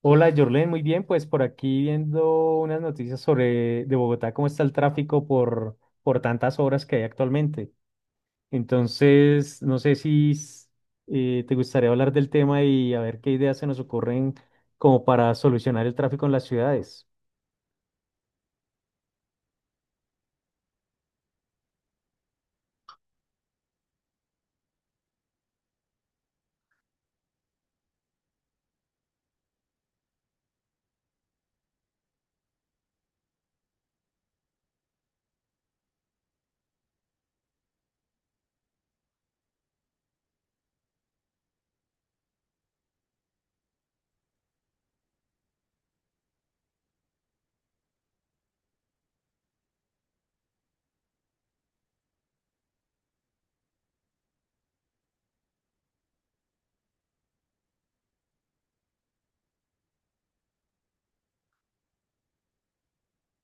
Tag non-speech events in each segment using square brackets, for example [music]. Hola, Jorlen, muy bien, pues por aquí viendo unas noticias sobre de Bogotá, cómo está el tráfico por tantas obras que hay actualmente. Entonces, no sé si te gustaría hablar del tema y a ver qué ideas se nos ocurren como para solucionar el tráfico en las ciudades.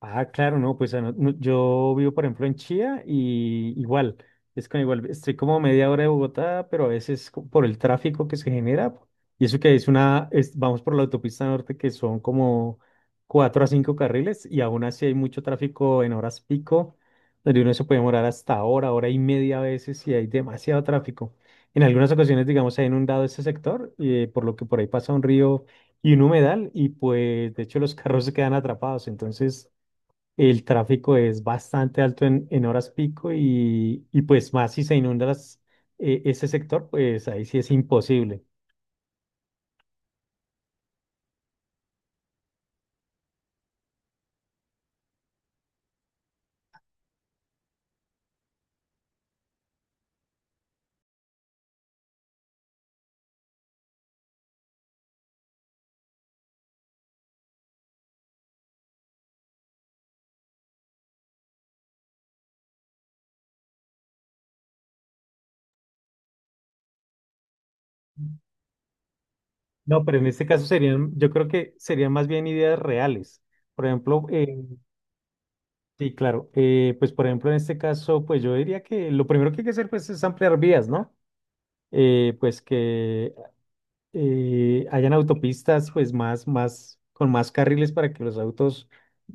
Ah, claro, no, pues no, yo vivo, por ejemplo, en Chía y igual, es con igual, estoy como a media hora de Bogotá, pero a veces por el tráfico que se genera, y eso que vamos por la autopista norte que son como cuatro a cinco carriles y aún así hay mucho tráfico en horas pico, donde uno se puede demorar hasta hora, hora y media a veces y hay demasiado tráfico. En algunas ocasiones, digamos, se ha inundado este sector, por lo que por ahí pasa un río y un humedal y pues de hecho los carros se quedan atrapados, entonces, el tráfico es bastante alto en horas pico y pues más si se inunda ese sector, pues ahí sí es imposible. No, pero en este caso serían, yo creo que serían más bien ideas reales. Por ejemplo, sí, claro, pues por ejemplo en este caso, pues yo diría que lo primero que hay que hacer pues es ampliar vías, ¿no? Pues que hayan autopistas pues más, más, con más carriles para que los autos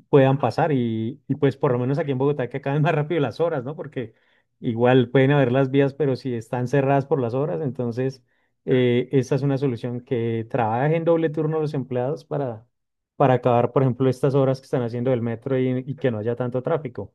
puedan pasar y pues por lo menos aquí en Bogotá que acaben [laughs] más rápido las horas, ¿no? Porque igual pueden haber las vías, pero si están cerradas por las horas, entonces esa es una solución que trabajen doble turno los empleados para acabar, por ejemplo, estas horas que están haciendo del metro y que no haya tanto tráfico.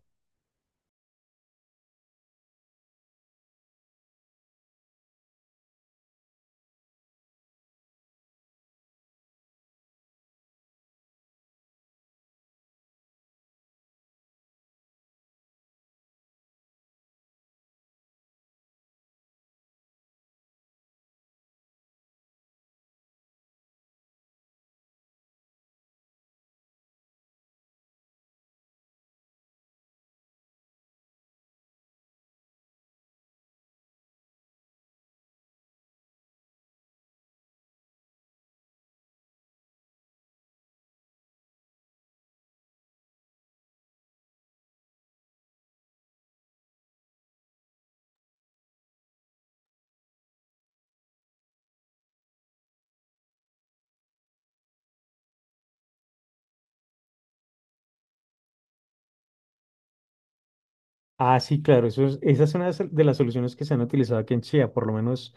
Ah, sí, claro, eso es, esa es una de las soluciones que se han utilizado aquí en Chía, por lo menos,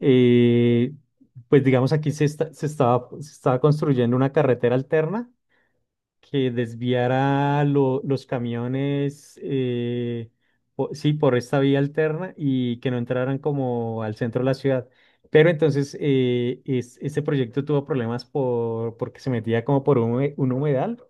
eh, pues digamos aquí se estaba construyendo una carretera alterna que desviara los camiones, sí, por esta vía alterna y que no entraran como al centro de la ciudad. Pero entonces ese proyecto tuvo problemas por, porque se metía como por un, un humedal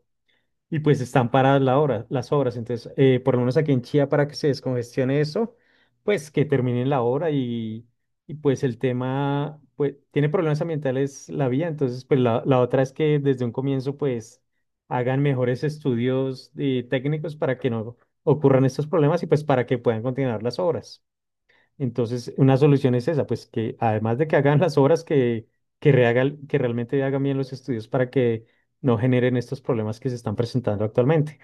y pues están paradas la hora, las obras. Entonces, por lo menos aquí en Chía, para que se descongestione eso, pues que terminen la obra y pues el tema, pues tiene problemas ambientales la vía. Entonces, pues la otra es que desde un comienzo, pues hagan mejores estudios técnicos para que no ocurran estos problemas y pues para que puedan continuar las obras. Entonces, una solución es esa, pues que además de que hagan [laughs] las obras, que, que realmente hagan bien los estudios para que no generen estos problemas que se están presentando actualmente.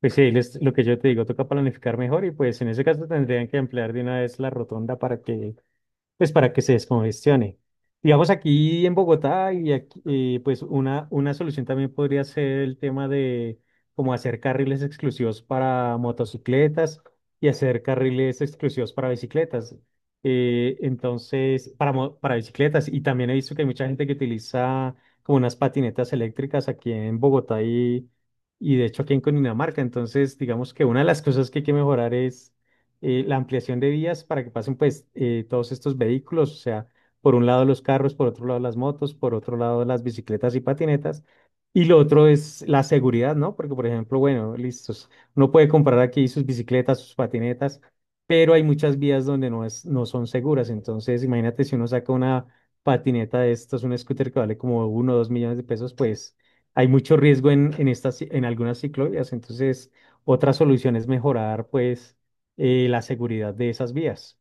Pues sí, lo que yo te digo, toca planificar mejor y pues en ese caso tendrían que emplear de una vez la rotonda para que pues para que se descongestione. Digamos aquí en Bogotá y aquí, pues una solución también podría ser el tema de como hacer carriles exclusivos para motocicletas y hacer carriles exclusivos para bicicletas. Entonces, para bicicletas. Y también he visto que hay mucha gente que utiliza como unas patinetas eléctricas aquí en Bogotá y de hecho aquí en Cundinamarca. Entonces, digamos que una de las cosas que hay que mejorar la ampliación de vías para que pasen pues todos estos vehículos, o sea, por un lado los carros, por otro lado las motos, por otro lado las bicicletas y patinetas, y lo otro es la seguridad, ¿no? Porque por ejemplo, bueno, listos, uno puede comprar aquí sus bicicletas, sus patinetas, pero hay muchas vías donde no es, no son seguras, entonces imagínate si uno saca una patineta de estos, un scooter que vale como uno o 2 millones de pesos, pues hay mucho riesgo en estas, en algunas ciclovías, entonces otra solución es mejorar, pues, la seguridad de esas vías.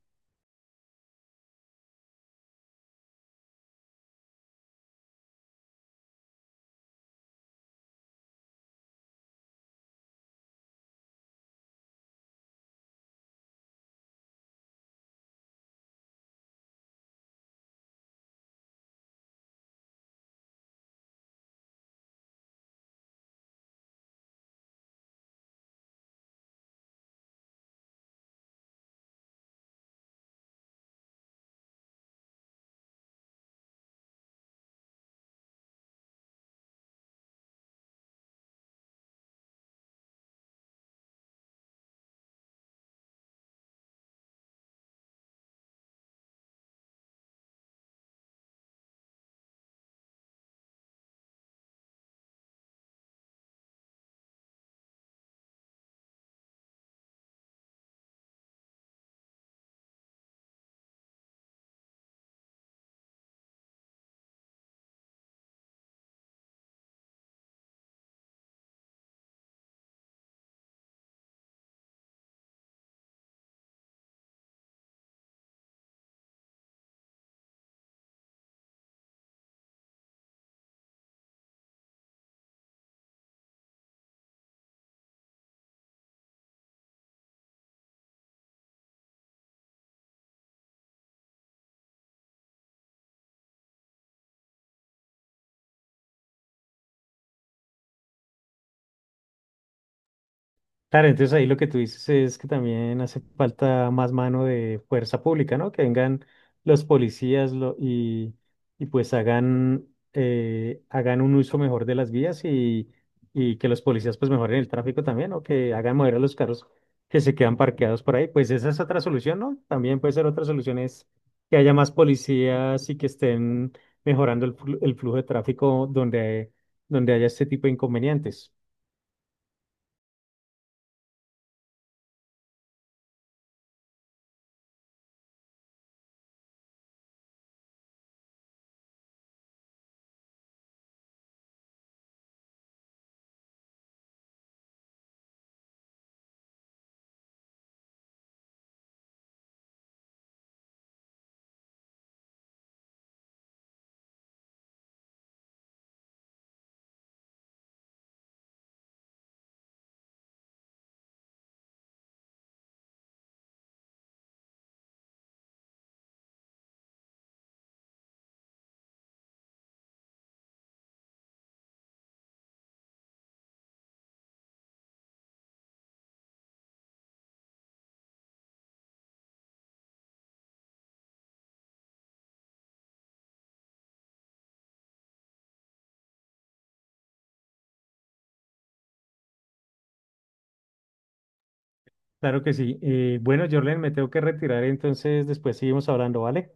Claro, entonces ahí lo que tú dices es que también hace falta más mano de fuerza pública, ¿no? Que vengan los policías y pues hagan, hagan un uso mejor de las vías y que los policías pues mejoren el tráfico también, o que hagan mover a los carros que se quedan parqueados por ahí. Pues esa es otra solución, ¿no? También puede ser otra solución es que haya más policías y que estén mejorando el, el flujo de tráfico donde, donde haya este tipo de inconvenientes. Claro que sí. Bueno, Jorlen, me tengo que retirar, entonces después seguimos hablando, ¿vale?